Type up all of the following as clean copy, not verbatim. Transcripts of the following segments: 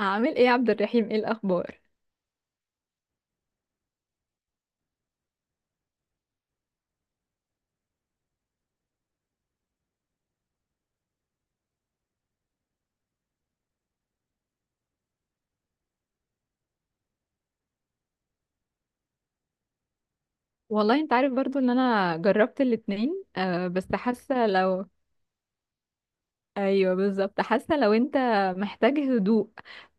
عامل ايه يا عبد الرحيم؟ ايه الاخبار؟ والله انت عارف برضو ان انا جربت الاتنين، بس حاسه لو ايوه بالظبط، حاسه لو انت محتاج هدوء،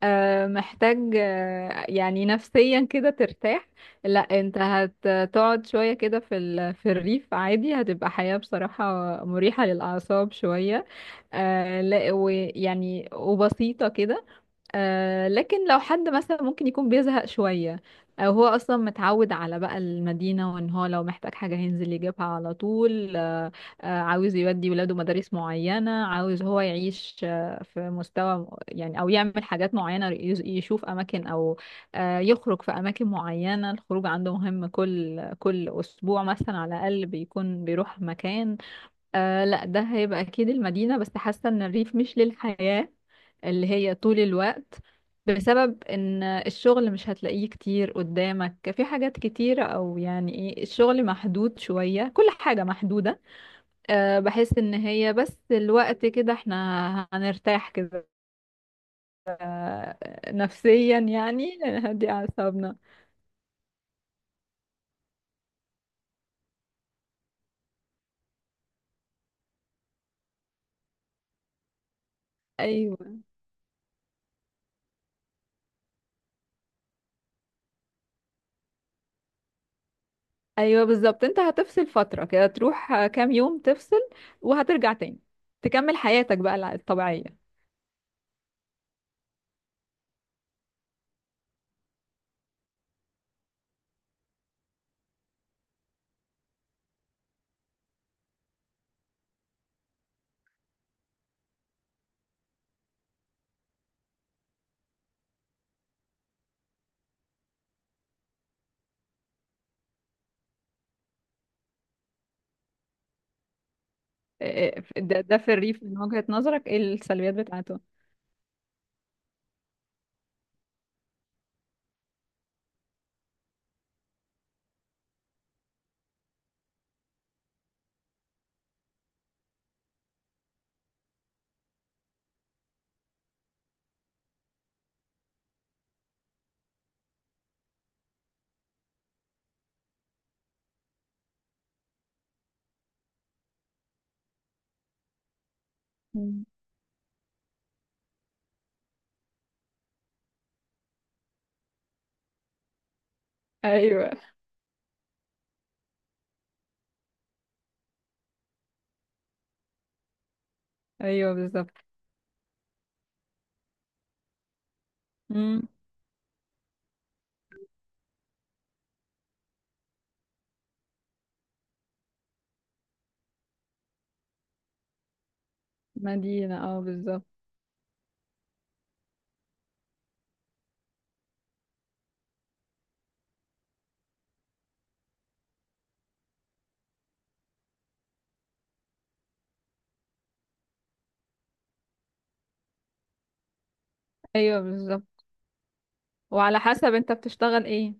محتاج، يعني نفسيا كده ترتاح. لا انت هتقعد شويه كده في في الريف عادي، هتبقى حياه بصراحه مريحه للاعصاب شويه. لا ويعني وبسيطه كده. لكن لو حد مثلا ممكن يكون بيزهق شوية، أو هو أصلا متعود على بقى المدينة، وإن هو لو محتاج حاجة هينزل يجيبها على طول. عاوز يودي ولاده مدارس معينة، عاوز هو يعيش في مستوى يعني، أو يعمل حاجات معينة، يشوف أماكن أو يخرج في أماكن معينة. الخروج عنده مهم، كل أسبوع مثلا على الأقل بيكون بيروح مكان. لا ده هيبقى اكيد المدينة. بس حاسة ان الريف مش للحياة اللي هي طول الوقت، بسبب ان الشغل مش هتلاقيه كتير قدامك في حاجات كتيرة، او يعني ايه، الشغل محدود شوية، كل حاجة محدودة. بحس ان هي بس الوقت كده احنا هنرتاح كده، نفسيا يعني، نهدي اعصابنا. ايوه ايوه بالظبط، انت هتفصل فترة كده، تروح كام يوم تفصل وهترجع تاني تكمل حياتك بقى الطبيعية. ده في الريف من وجهة نظرك، ايه السلبيات بتاعته؟ مم. ايوه، ايوه بالظبط. مم. مدينة، اه بالظبط. ايوه بالظبط. وعلى حسب انت بتشتغل ايه؟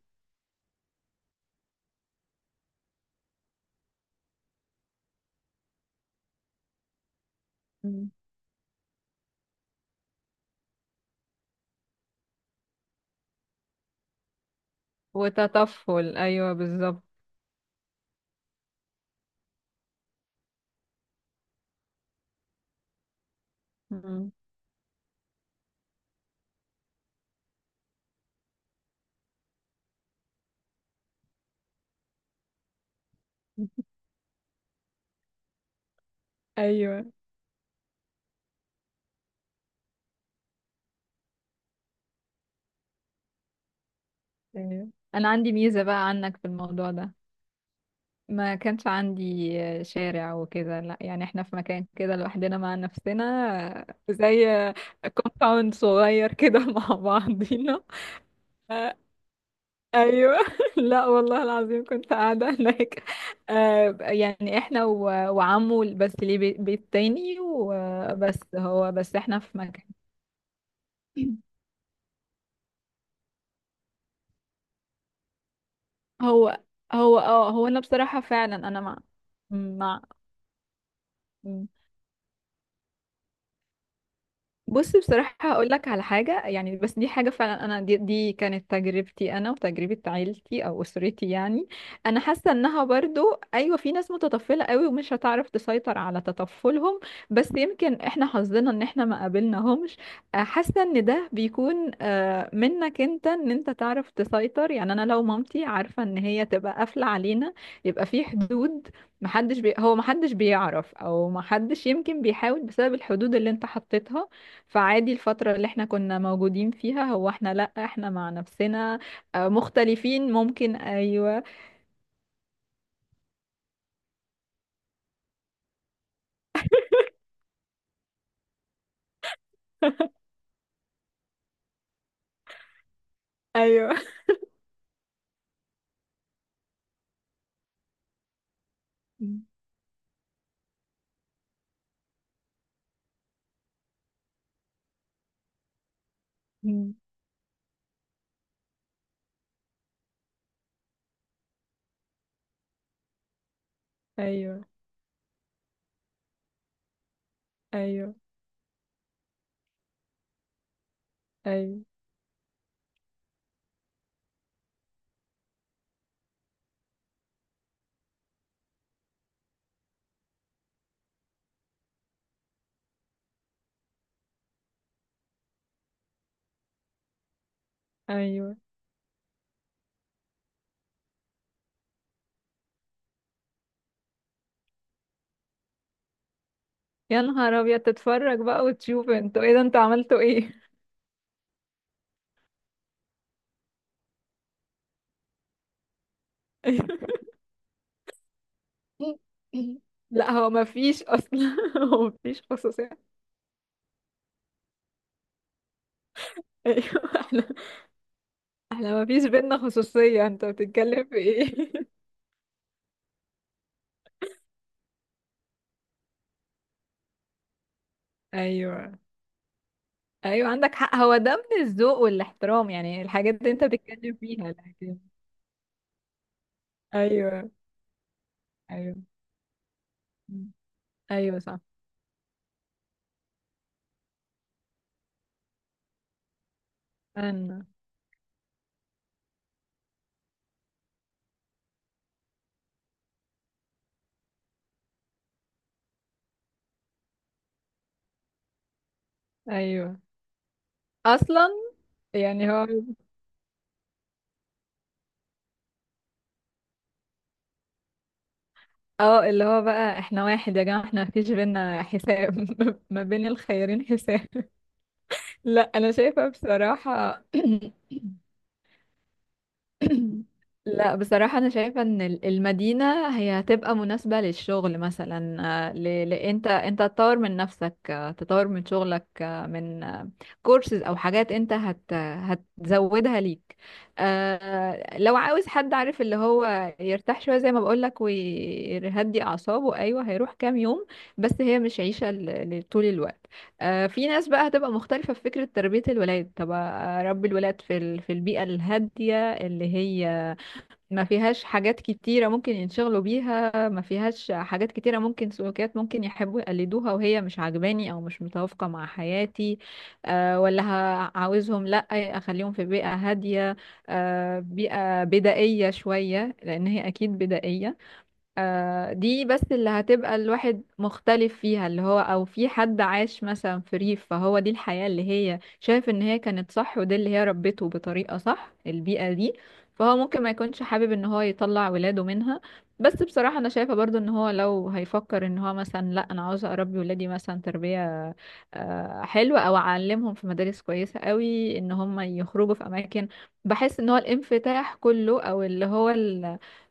مم. وتطفل، ايوه بالظبط. مم. ايوه، ايوه. انا عندي ميزة بقى عنك في الموضوع ده. ما كانش عندي شارع وكده، لا يعني احنا في مكان كده لوحدنا مع نفسنا، زي كومباوند صغير كده مع بعضينا. ايوه لا والله العظيم كنت قاعده هناك. يعني احنا وعمه بس ليه بيت تاني، وبس هو بس احنا في مكان. هو هو اه انا بصراحه فعلا، انا مع بص بصراحة هقول لك على حاجة يعني، بس دي حاجة فعلا. أنا دي كانت تجربتي أنا وتجربة عيلتي أو أسرتي يعني. أنا حاسة إنها برضو أيوة، في ناس متطفلة قوي ومش هتعرف تسيطر على تطفلهم، بس يمكن إحنا حظنا إن إحنا ما قابلناهمش. حاسة إن ده بيكون منك أنت، إن أنت تعرف تسيطر. يعني أنا لو مامتي عارفة إن هي تبقى قافلة علينا، يبقى في حدود. هو محدش بيعرف، أو محدش يمكن بيحاول بسبب الحدود اللي أنت حطيتها. فعادي الفترة اللي احنا كنا موجودين فيها، هو احنا لأ، احنا مع نفسنا. مختلفين ممكن، ايوه. ايوه. مم. ايوه، ايوه، ايوه، ايوه. يا نهار ابيض، تتفرج بقى وتشوف؟ انتوا ايه ده؟ انتوا عملتوا ايه؟ لا هو ما فيش اصلا، هو ما فيش خصوصية. ايوه احنا احنا ما فيش بينا خصوصية، انت بتتكلم في ايه؟ ايوه، ايوه، عندك حق. هو ده من الذوق والاحترام يعني، الحاجات دي انت بتتكلم فيها، لكن ايوه، ايوه. مم. ايوه صح. انا ايوه اصلا يعني، هو اه اللي هو بقى احنا واحد يا جماعه، احنا مفيش بينا حساب. ما بين الخيرين حساب. لا انا شايفه بصراحه. لا بصراحة أنا شايفة إن المدينة هي هتبقى مناسبة للشغل مثلا. أنت تطور من نفسك، تطور من شغلك، من كورسز أو حاجات أنت هتزودها ليك. لو عاوز حد عارف اللي هو يرتاح شوية زي ما بقولك ويهدي أعصابه، أيوه هيروح كام يوم، بس هي مش عيشة لطول الوقت. في ناس بقى هتبقى مختلفة في فكرة تربية الولاد، طب أربي الولاد في في البيئة الهادية اللي هي ما فيهاش حاجات كتيرة ممكن ينشغلوا بيها، ما فيهاش حاجات كتيرة ممكن سلوكيات ممكن يحبوا يقلدوها وهي مش عاجباني أو مش متوافقة مع حياتي. ولا عاوزهم لأ، أخليهم في بيئة هادية. بيئة بدائية شوية، لأن هي أكيد بدائية. دي بس اللي هتبقى الواحد مختلف فيها، اللي هو او في حد عاش مثلا في ريف، فهو دي الحياة اللي هي شايف ان هي كانت صح، ودي اللي هي ربته بطريقة صح، البيئة دي. فهو ممكن ما يكونش حابب ان هو يطلع ولاده منها. بس بصراحة انا شايفة برضو ان هو لو هيفكر ان هو مثلا، لا انا عاوز اربي ولادي مثلا تربية حلوة، او اعلمهم في مدارس كويسة قوي، ان هم يخرجوا في اماكن. بحس ان هو الانفتاح كله او اللي هو،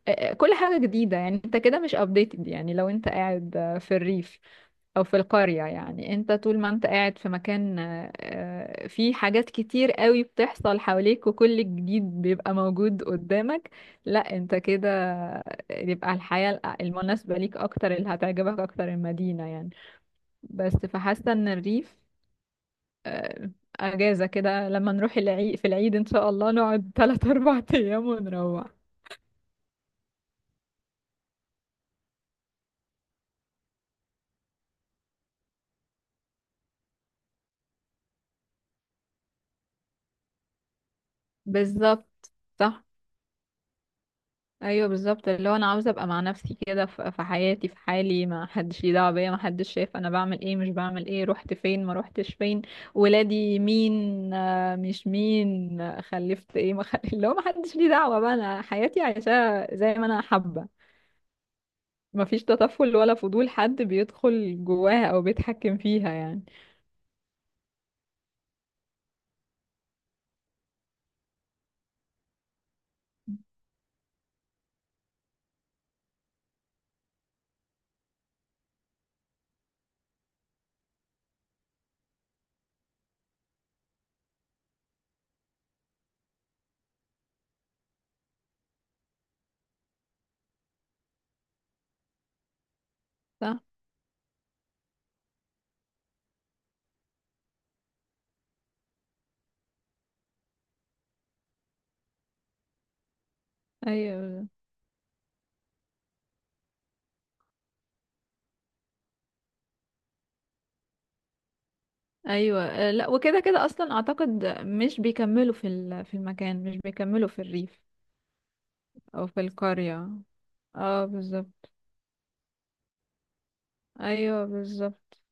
كل حاجة جديدة، يعني انت كده مش updated، يعني لو انت قاعد في الريف او في القرية، يعني انت طول ما انت قاعد في مكان فيه حاجات كتير قوي بتحصل حواليك وكل جديد بيبقى موجود قدامك. لا انت كده يبقى الحياة المناسبة ليك اكتر، اللي هتعجبك اكتر المدينة يعني. بس فحاسة ان الريف، آه، اجازة كده، لما نروح العيد، في العيد ان شاء الله نقعد 3 4 ايام ونروح. بالظبط صح. ايوه بالظبط، اللي هو انا عاوزه ابقى مع نفسي كده في حياتي، في حالي، ما حدش ليه دعوه بيا، ما حدش شايف انا بعمل ايه، مش بعمل ايه، رحت فين ما رحتش فين، ولادي مين، مش مين، خلفت ايه، ما خل... اللي هو ما حدش ليه دعوه بقى، انا حياتي عايشاها زي ما انا حابه. ما فيش تطفل ولا فضول حد بيدخل جواها او بيتحكم فيها يعني. صح. ايوه، ايوه، لا وكده كده اصلا اعتقد مش بيكملوا في في المكان، مش بيكملوا في الريف او في القرية. اه بالظبط. ايوه بالظبط.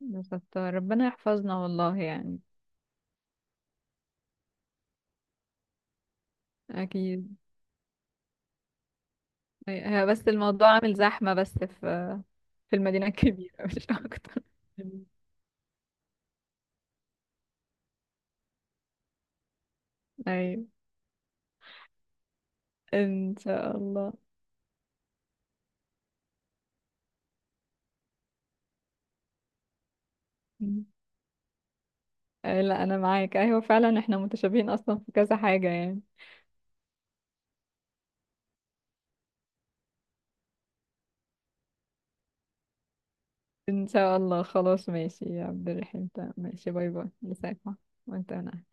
بالظبط، ربنا يحفظنا والله يعني. اكيد. هي بس الموضوع عامل زحمة، بس في المدينة الكبيرة مش اكتر. ايوه، ان شاء الله. لا انا معاك، ايوه فعلا احنا متشابهين اصلا في كذا حاجة يعني. ان شاء الله، خلاص ماشي يا عبد الرحيم، تمام. ماشي، باي باي، مساك. وانت أنا